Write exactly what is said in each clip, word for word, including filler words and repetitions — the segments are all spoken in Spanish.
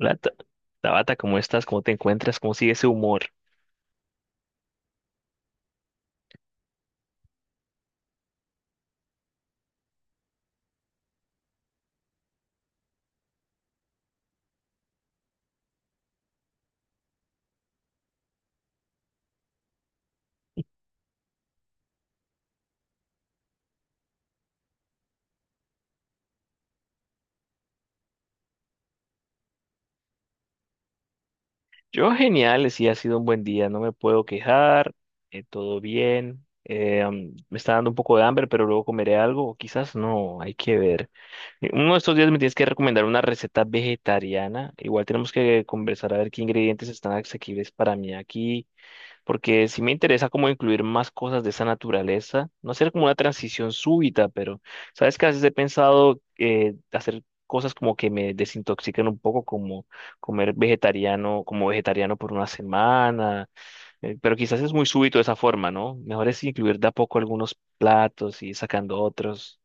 Hola, Ta- Tabata, ¿cómo estás? ¿Cómo te encuentras? ¿Cómo sigue ese humor? Yo genial, sí, ha sido un buen día, no me puedo quejar. Eh, todo bien. Eh, am, me está dando un poco de hambre, pero luego comeré algo, o quizás no, hay que ver. Eh, Uno de estos días me tienes que recomendar una receta vegetariana. Igual tenemos que conversar a ver qué ingredientes están asequibles para mí aquí, porque sí me interesa como incluir más cosas de esa naturaleza, no hacer como una transición súbita. Pero sabes que a veces he pensado eh, hacer cosas como que me desintoxiquen un poco, como comer vegetariano, como vegetariano por una semana. Eh, pero quizás es muy súbito de esa forma, ¿no? Mejor es incluir de a poco algunos platos y sacando otros.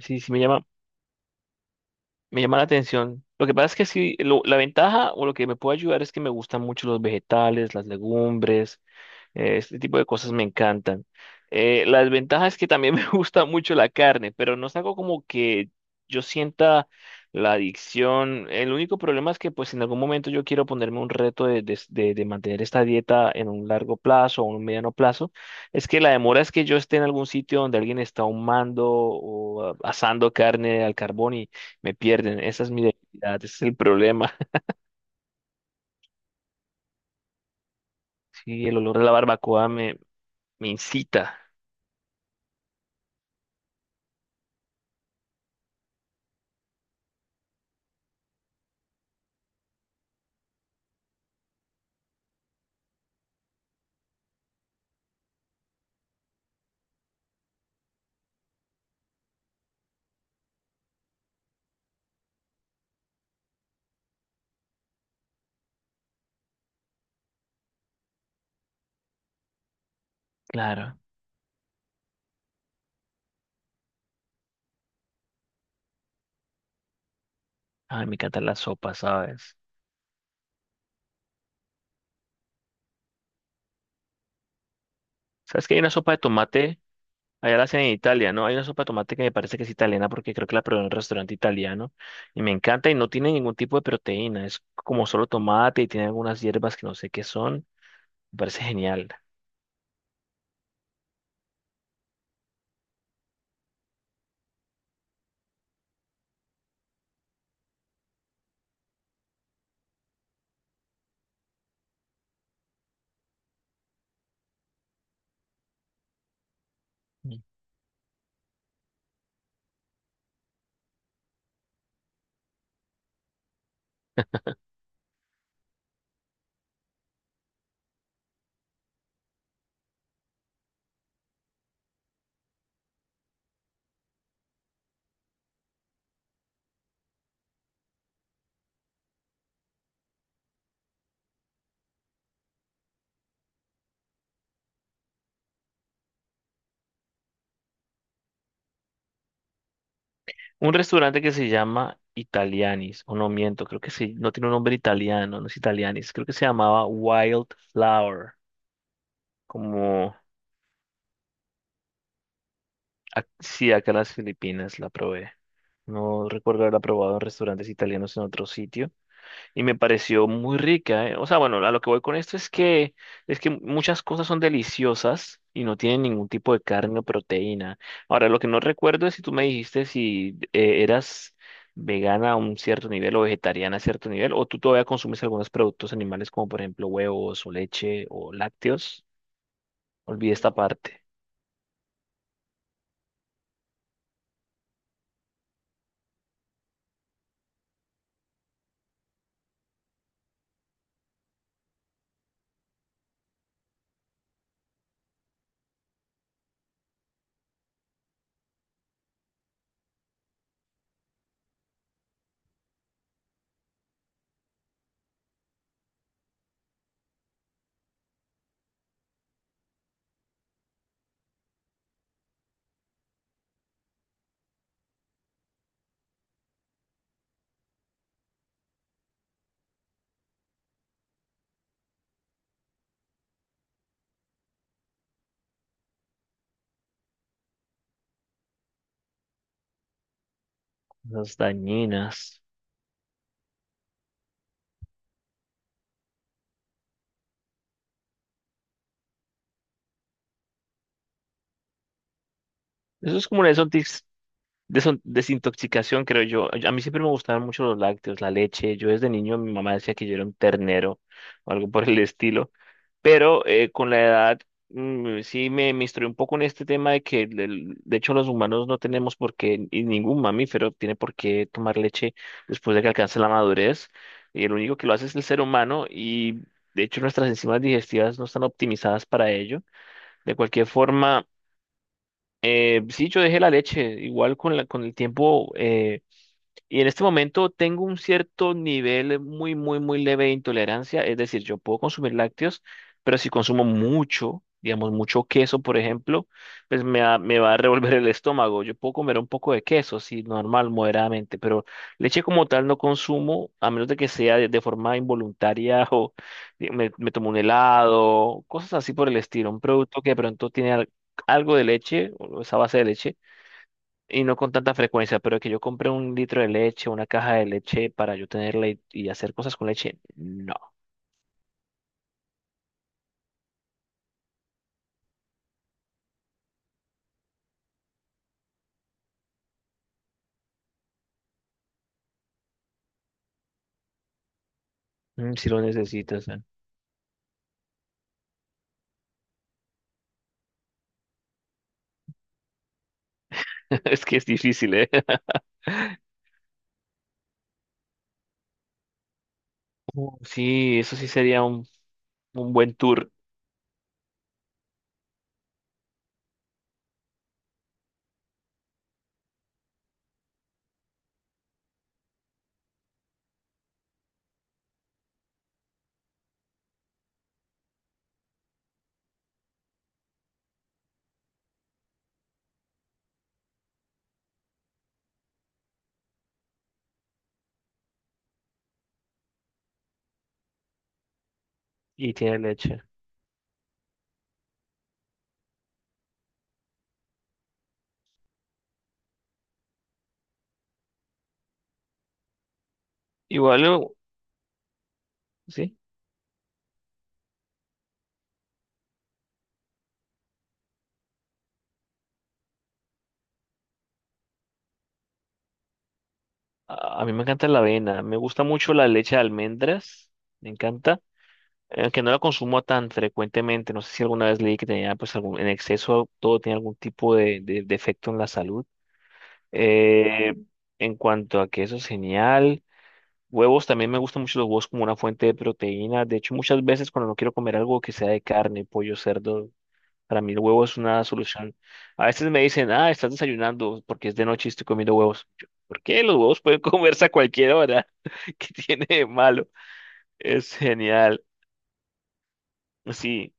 Sí, sí me llama, me llama la atención. Lo que pasa es que sí, lo- la ventaja o lo que me puede ayudar es que me gustan mucho los vegetales, las legumbres. Eh, Este tipo de cosas me encantan. Eh, la desventaja es que también me gusta mucho la carne, pero no es algo como que yo sienta la adicción. El único problema es que pues en algún momento yo quiero ponerme un reto de, de, de- de mantener esta dieta en un largo plazo o un mediano plazo. Es que la demora es que yo esté en algún sitio donde alguien está ahumando o ah, asando carne al carbón y me pierden. Esa es mi debilidad, ese es el problema. Sí, el olor de la barbacoa me, me incita. Claro. Ay, me encantan las sopas, ¿sabes? ¿Sabes que hay una sopa de tomate? Allá la hacen en Italia, ¿no? Hay una sopa de tomate que me parece que es italiana porque creo que la probé en un restaurante italiano y me encanta, y no tiene ningún tipo de proteína. Es como solo tomate y tiene algunas hierbas que no sé qué son. Me parece genial. Mm. Un restaurante que se llama Italianis, o no miento, creo que sí, no tiene un nombre italiano, no es Italianis, creo que se llamaba Wildflower, como… Ac- sí, acá en las Filipinas la probé. No recuerdo haberla probado en restaurantes italianos en otro sitio. Y me pareció muy rica, ¿eh? O sea, bueno, a lo que voy con esto es que, es que muchas cosas son deliciosas y no tienen ningún tipo de carne o proteína. Ahora, lo que no recuerdo es si tú me dijiste si eh, eras vegana a un cierto nivel o vegetariana a cierto nivel, o tú todavía consumes algunos productos animales como por ejemplo huevos o leche o lácteos. Olvidé esta parte. Las dañinas. Eso es como una Deson- desintoxicación, creo yo. A mí siempre me gustaban mucho los lácteos, la leche. Yo desde niño mi mamá decía que yo era un ternero o algo por el estilo. Pero eh, con la edad mm, sí me, me instruí un poco en este tema de que el- de hecho los humanos no tenemos por qué, y ningún mamífero tiene por qué tomar leche después de que alcance la madurez. Y el único que lo hace es el ser humano, y de hecho nuestras enzimas digestivas no están optimizadas para ello. De cualquier forma, eh, sí, yo dejé la leche. Igual con la, con el tiempo. Eh, y en este momento tengo un cierto nivel muy, muy, muy leve de intolerancia, es decir, yo puedo consumir lácteos, pero si consumo mucho, digamos, mucho queso, por ejemplo, pues me va, me va a revolver el estómago. Yo puedo comer un poco de queso, sí, normal, moderadamente, pero leche como tal no consumo, a menos de que sea de, de forma involuntaria, o di- me, me tomo un helado, cosas así por el estilo, un producto que de pronto tiene al- algo de leche, o esa base de leche, y no con tanta frecuencia. Pero que yo compré un litro de leche, una caja de leche para yo tenerla y, y hacer cosas con leche, no. Mm, si lo necesitas, ¿eh? Es que es difícil, ¿eh? Uh, Sí, eso sí sería un, un buen tour y tiene leche. Igual, uh, sí, a, a mí me encanta la avena, me gusta mucho la leche de almendras, me encanta, aunque no la consumo tan frecuentemente. No sé si alguna vez leí que tenía pues algún, en exceso todo tiene algún tipo de, de, de efecto en la salud. Eh, en cuanto a que eso es genial. Huevos, también me gustan mucho los huevos como una fuente de proteína. De hecho, muchas veces cuando no quiero comer algo que sea de carne, pollo, cerdo, para mí el huevo es una solución. A veces me dicen, ah, estás desayunando porque es de noche y estoy comiendo huevos. Yo, ¿por qué? Los huevos pueden comerse a cualquier hora. ¿Qué tiene de malo? Es genial. Sí.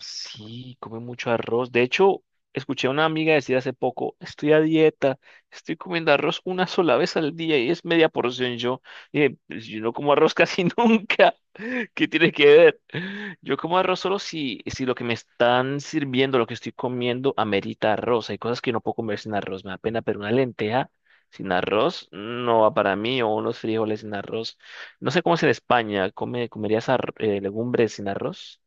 Sí, come mucho arroz. De hecho, escuché a una amiga decir hace poco, estoy a dieta, estoy comiendo arroz una sola vez al día y es media porción. Yo dije, "Pues yo no como arroz casi nunca. ¿Qué tiene que ver?" Yo como arroz solo si, si lo que me están sirviendo, lo que estoy comiendo, amerita arroz. Hay cosas que no puedo comer sin arroz, me da pena, pero una lenteja sin arroz no va para mí, o unos frijoles sin arroz. No sé cómo es en España, ¿come, comerías ar- eh, legumbres sin arroz?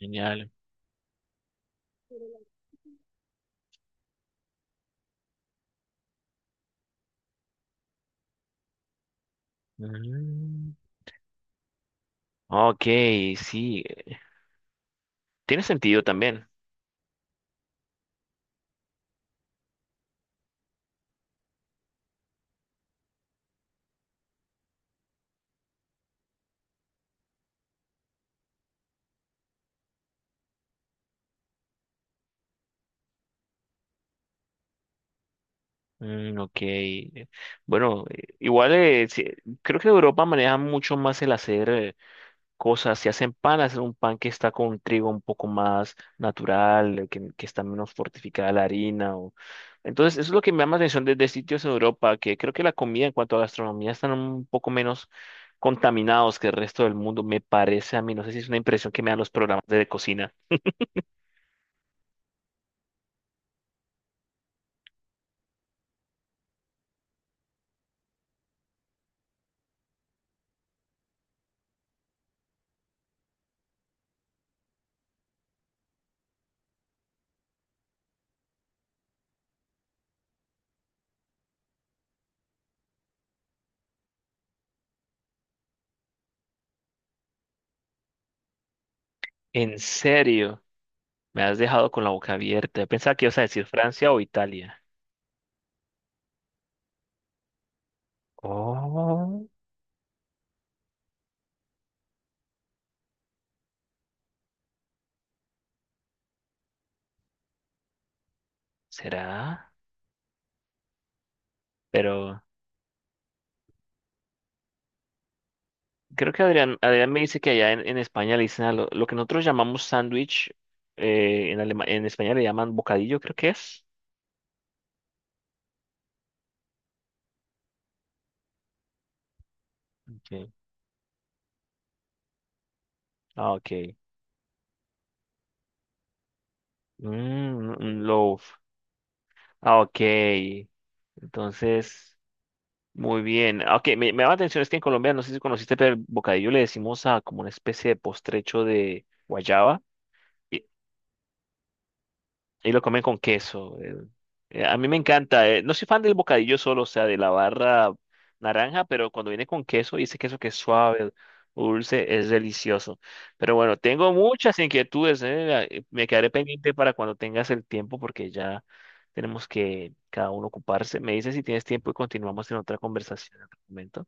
Genial. Mm, ok, sí, eh, tiene sentido también. Mm, ok, eh, bueno, eh, igual eh, Sí, creo que Europa maneja mucho más el hacer eh, cosas, si hacen pan, hacen un pan que está con trigo un poco más natural, eh, que, que está menos fortificada la harina. o- Entonces, eso es lo que me llama la atención desde sitios en Europa, que creo que la comida en cuanto a gastronomía están un poco menos contaminados que el resto del mundo, me parece a mí, no sé si es una impresión que me dan los programas de cocina. ¿En serio? Me has dejado con la boca abierta. Yo pensaba que ibas a decir Francia o Italia. Oh. ¿Será? Pero creo que Adrián, Adrián me dice que allá en, en España le dicen a lo, lo que nosotros llamamos sándwich, eh, en, alema- en España le llaman bocadillo, creo que es. Okay. Ah, ok. Mm, un loaf. Ah, ok. Entonces, muy bien. Ah, ok, me, me llama la atención es que en Colombia, no sé si conociste, pero el bocadillo le decimos a como una especie de postrecho de guayaba. Y lo comen con queso. eh. Eh, A mí me encanta. eh, No soy fan del bocadillo solo, o sea, de la barra naranja, pero cuando viene con queso y ese queso que es suave, dulce, es delicioso. Pero bueno, tengo muchas inquietudes. eh, eh, Me quedaré pendiente para cuando tengas el tiempo porque ya tenemos que cada uno ocuparse. Me dices si tienes tiempo y continuamos en otra conversación en otro momento.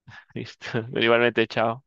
Listo. Igualmente, chao.